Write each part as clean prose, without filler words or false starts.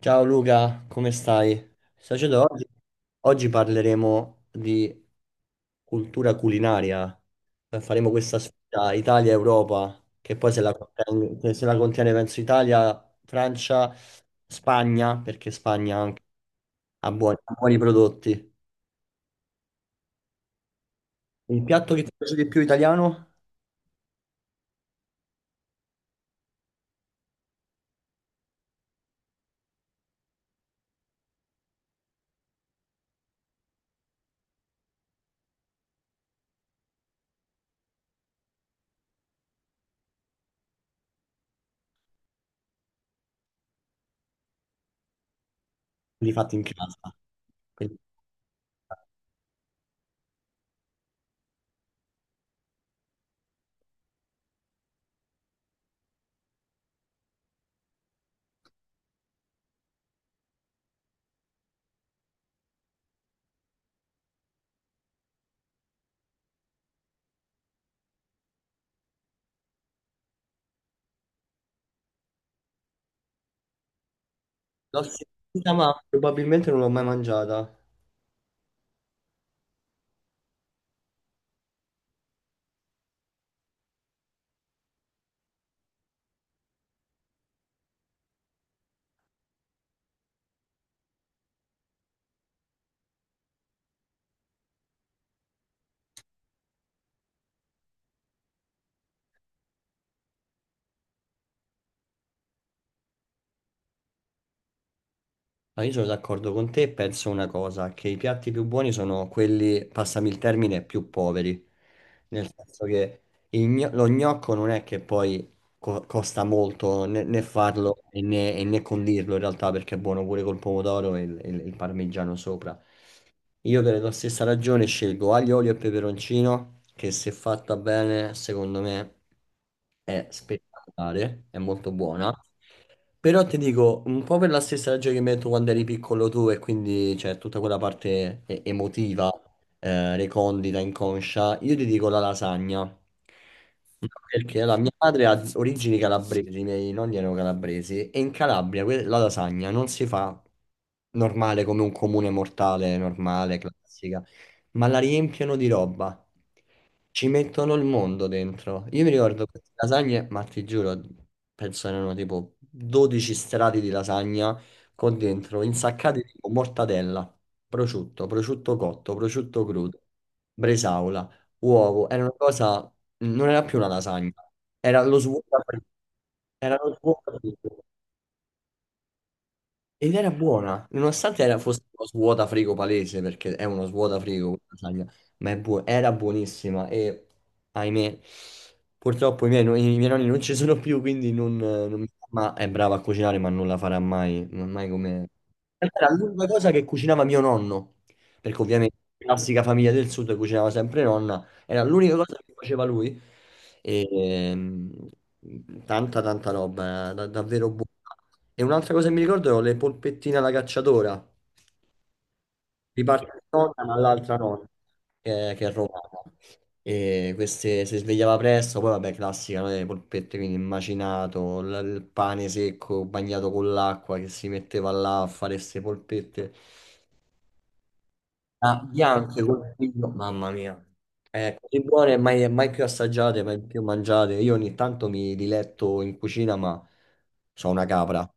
Ciao Luca, come stai? Sacedo, oggi, oggi parleremo di cultura culinaria. Faremo questa sfida Italia-Europa, che poi se la contiene, penso Italia, Francia, Spagna, perché Spagna anche ha buoni prodotti. Il piatto che ti piace di più italiano? Li fatti in casa. Quindi, l'ho sentita, ma probabilmente non l'ho mai mangiata. Ah, io sono d'accordo con te, penso una cosa, che i piatti più buoni sono quelli, passami il termine, più poveri, nel senso che lo gnocco non è che poi costa molto né farlo né condirlo in realtà perché è buono pure col pomodoro e il parmigiano sopra. Io per la stessa ragione scelgo aglio, olio e peperoncino, che se fatta bene, secondo me è spettacolare, è molto buona. Però ti dico, un po' per la stessa ragione che mi hai detto quando eri piccolo tu e quindi c'è tutta quella parte emotiva, recondita, inconscia, io ti dico la lasagna. No, perché allora, mia madre ha origini calabresi, i miei nonni erano calabresi e in Calabria la lasagna non si fa normale come un comune mortale normale, classica, ma la riempiono di roba. Ci mettono il mondo dentro. Io mi ricordo queste lasagne, ma ti giuro, penso erano tipo 12 strati di lasagna con dentro insaccati tipo mortadella, prosciutto, prosciutto cotto, prosciutto crudo, bresaola, uovo. Era una cosa, non era più una lasagna, era lo svuota. Era lo svuota. Ed era buona, nonostante fosse uno svuotafrigo palese, perché è uno svuotafrigo, quella lasagna, ma era buonissima e ahimè, purtroppo i miei nonni non ci sono più, quindi non mi- ma è brava a cucinare, ma non la farà mai, non mai come... in realtà era l'unica cosa che cucinava mio nonno, perché ovviamente classica famiglia del sud cucinava sempre nonna, era l'unica cosa che faceva lui. E, tanta roba, davvero buona. E un'altra cosa che mi ricordo erano le polpettine alla cacciatora. Di parte di nonna, ma l'altra nonna, che è romana. E queste si svegliava presto, poi vabbè, classica, no? Le polpette, quindi il macinato, il pane secco bagnato con l'acqua che si metteva là a fare queste polpette. Ah, bianche col figlio, mamma mia, così buone mai, mai più assaggiate, mai più mangiate. Io ogni tanto mi diletto in cucina, ma sono una capra.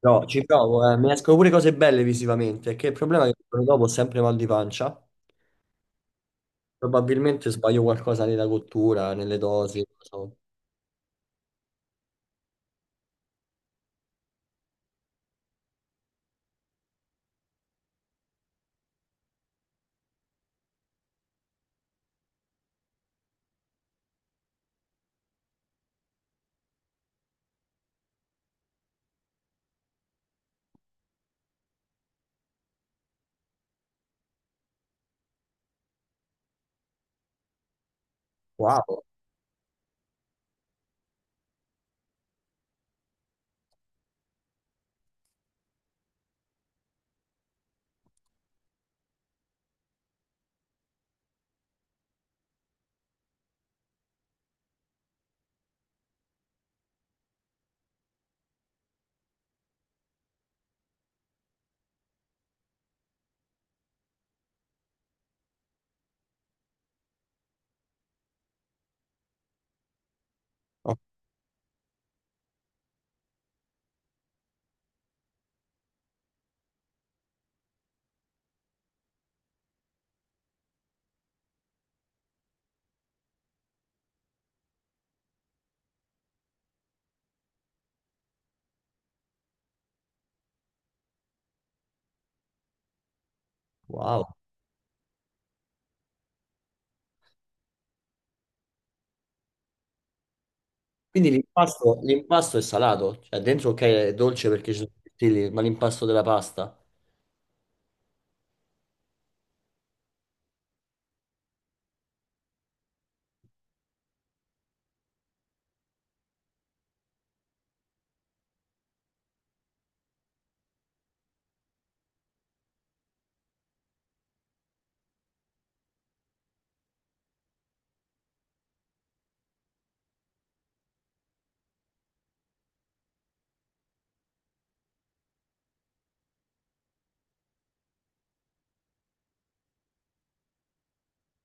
No, ci provo, mi escono pure cose belle visivamente, che il problema è che il giorno dopo ho sempre mal di pancia. Probabilmente sbaglio qualcosa nella cottura, nelle dosi. Non so. Wow, oh, wow. Quindi l'impasto è salato, cioè dentro ok è dolce perché ci sono i tortilli, ma l'impasto della pasta.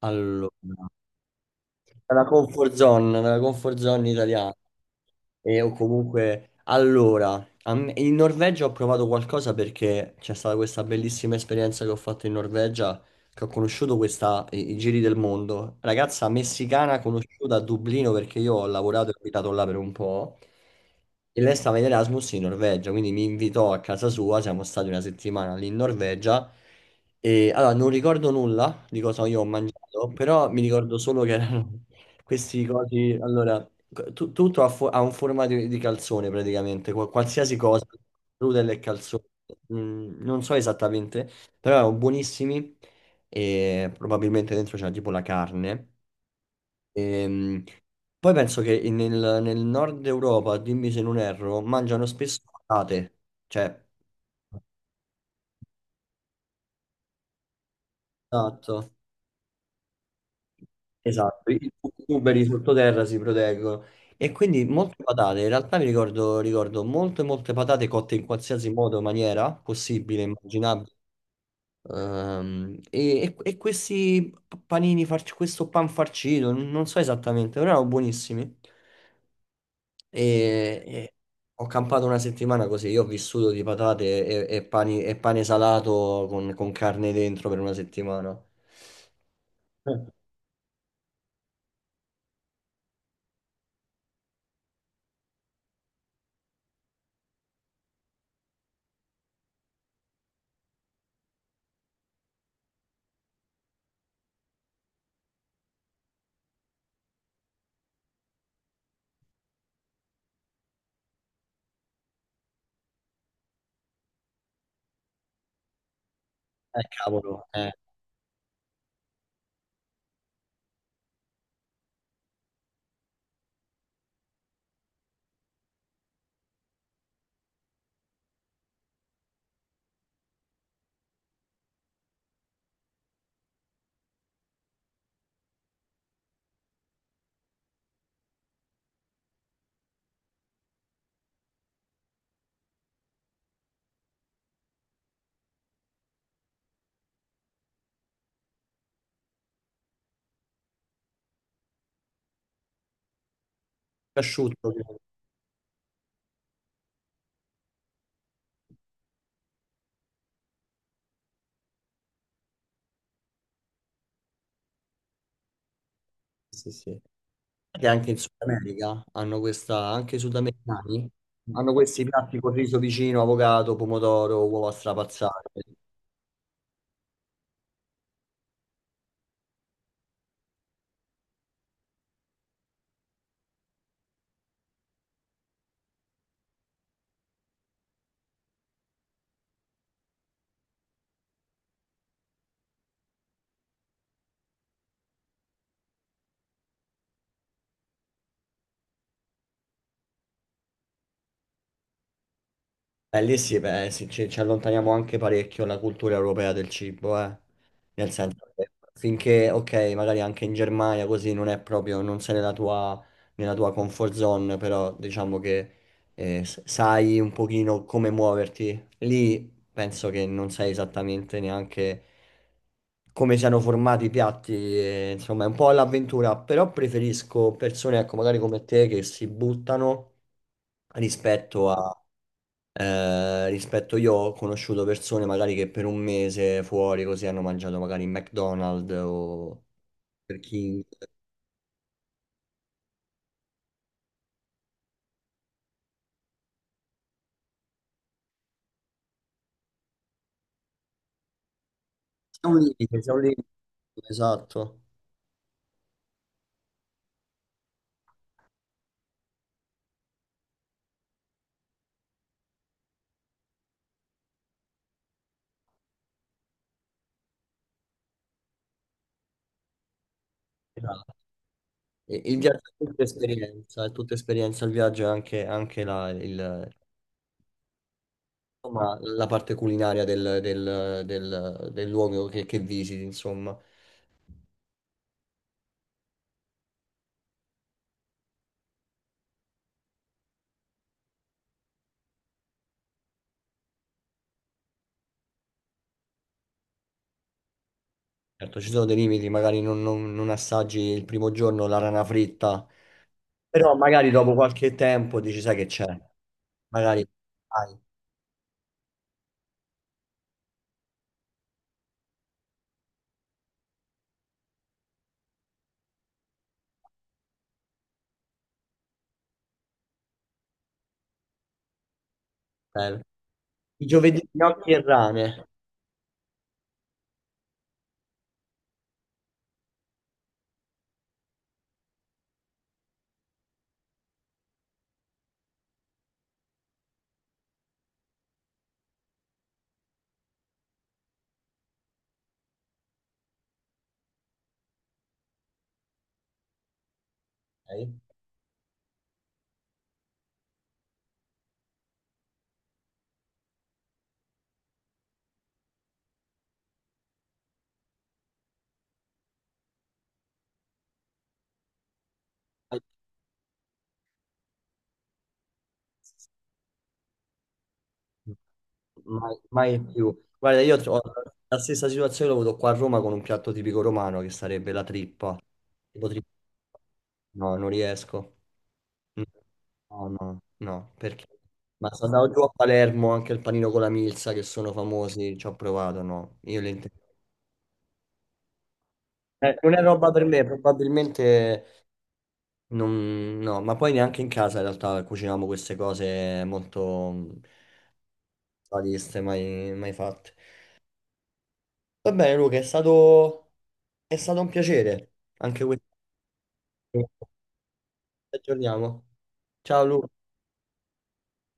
Allora. Nella comfort zone italiana. E o comunque, allora, in Norvegia ho provato qualcosa perché c'è stata questa bellissima esperienza che ho fatto in Norvegia, che ho conosciuto questa, i giri del mondo. Ragazza messicana conosciuta a Dublino perché io ho lavorato e abitato là per un po'. E lei stava in Erasmus in Norvegia, quindi mi invitò a casa sua, siamo stati una settimana lì in Norvegia. E allora non ricordo nulla di cosa io ho mangiato, però mi ricordo solo che erano questi cosi. Allora, tutto ha, ha un formato di calzone praticamente, qualsiasi cosa, noodle e calzone. Mm, non so esattamente, però erano buonissimi e probabilmente dentro c'era tipo la carne. Ehm, poi penso che nel, nel nord Europa, dimmi se non erro, mangiano spesso patate, cioè, esatto. Esatto, i tuberi sottoterra si proteggono e quindi molte patate, in realtà mi ricordo, ricordo molte molte patate cotte in qualsiasi modo, maniera possibile, immaginabile. E questi panini, questo pan farcito, non so esattamente, però erano buonissimi. E ho campato una settimana così, io ho vissuto di patate e, e pane salato con carne dentro per una settimana. Eh, cavolo, asciutto. Sì, sì. Che anche in Sud America hanno questa, anche i sudamericani hanno questi piatti con riso vicino, avocado, pomodoro, uova strapazzate. Lì sì, beh, sì, ci allontaniamo anche parecchio dalla cultura europea del cibo, eh. Nel senso che finché, ok, magari anche in Germania così non è proprio, non sei nella tua comfort zone, però diciamo che sai un pochino come muoverti. Lì penso che non sai esattamente neanche come siano formati i piatti, e, insomma, è un po' all'avventura, però preferisco persone, ecco, magari come te che si buttano rispetto a rispetto io ho conosciuto persone magari che per un mese fuori così hanno mangiato magari in McDonald's o Burger King. C'è un limite, c'è un limite. Esatto. Esatto. Il viaggio è tutta esperienza, il viaggio è anche, anche la, insomma, la parte culinaria del, del luogo che visiti, insomma. Certo, ci sono dei limiti, magari non, non assaggi il primo giorno la rana fritta, però magari dopo qualche tempo dici, sai che c'è. Magari hai per i giovedì, gnocchi e rame, ok? Mai, mai più. Guarda, io ho la stessa situazione, l'ho avuto qua a Roma con un piatto tipico romano che sarebbe la trippa. Tipo trippa. No, non riesco. No, no, no, perché? Ma sono andato giù a Palermo anche il panino con la milza che sono famosi, ci ho provato, no, io le intendo. Non è roba per me, probabilmente no, ma poi neanche in casa in realtà cuciniamo queste cose molto mm, sadiste, mai, mai fatte. Va bene, Luca, è stato un piacere. Anche questo. Ci aggiorniamo. Ciao, Luca.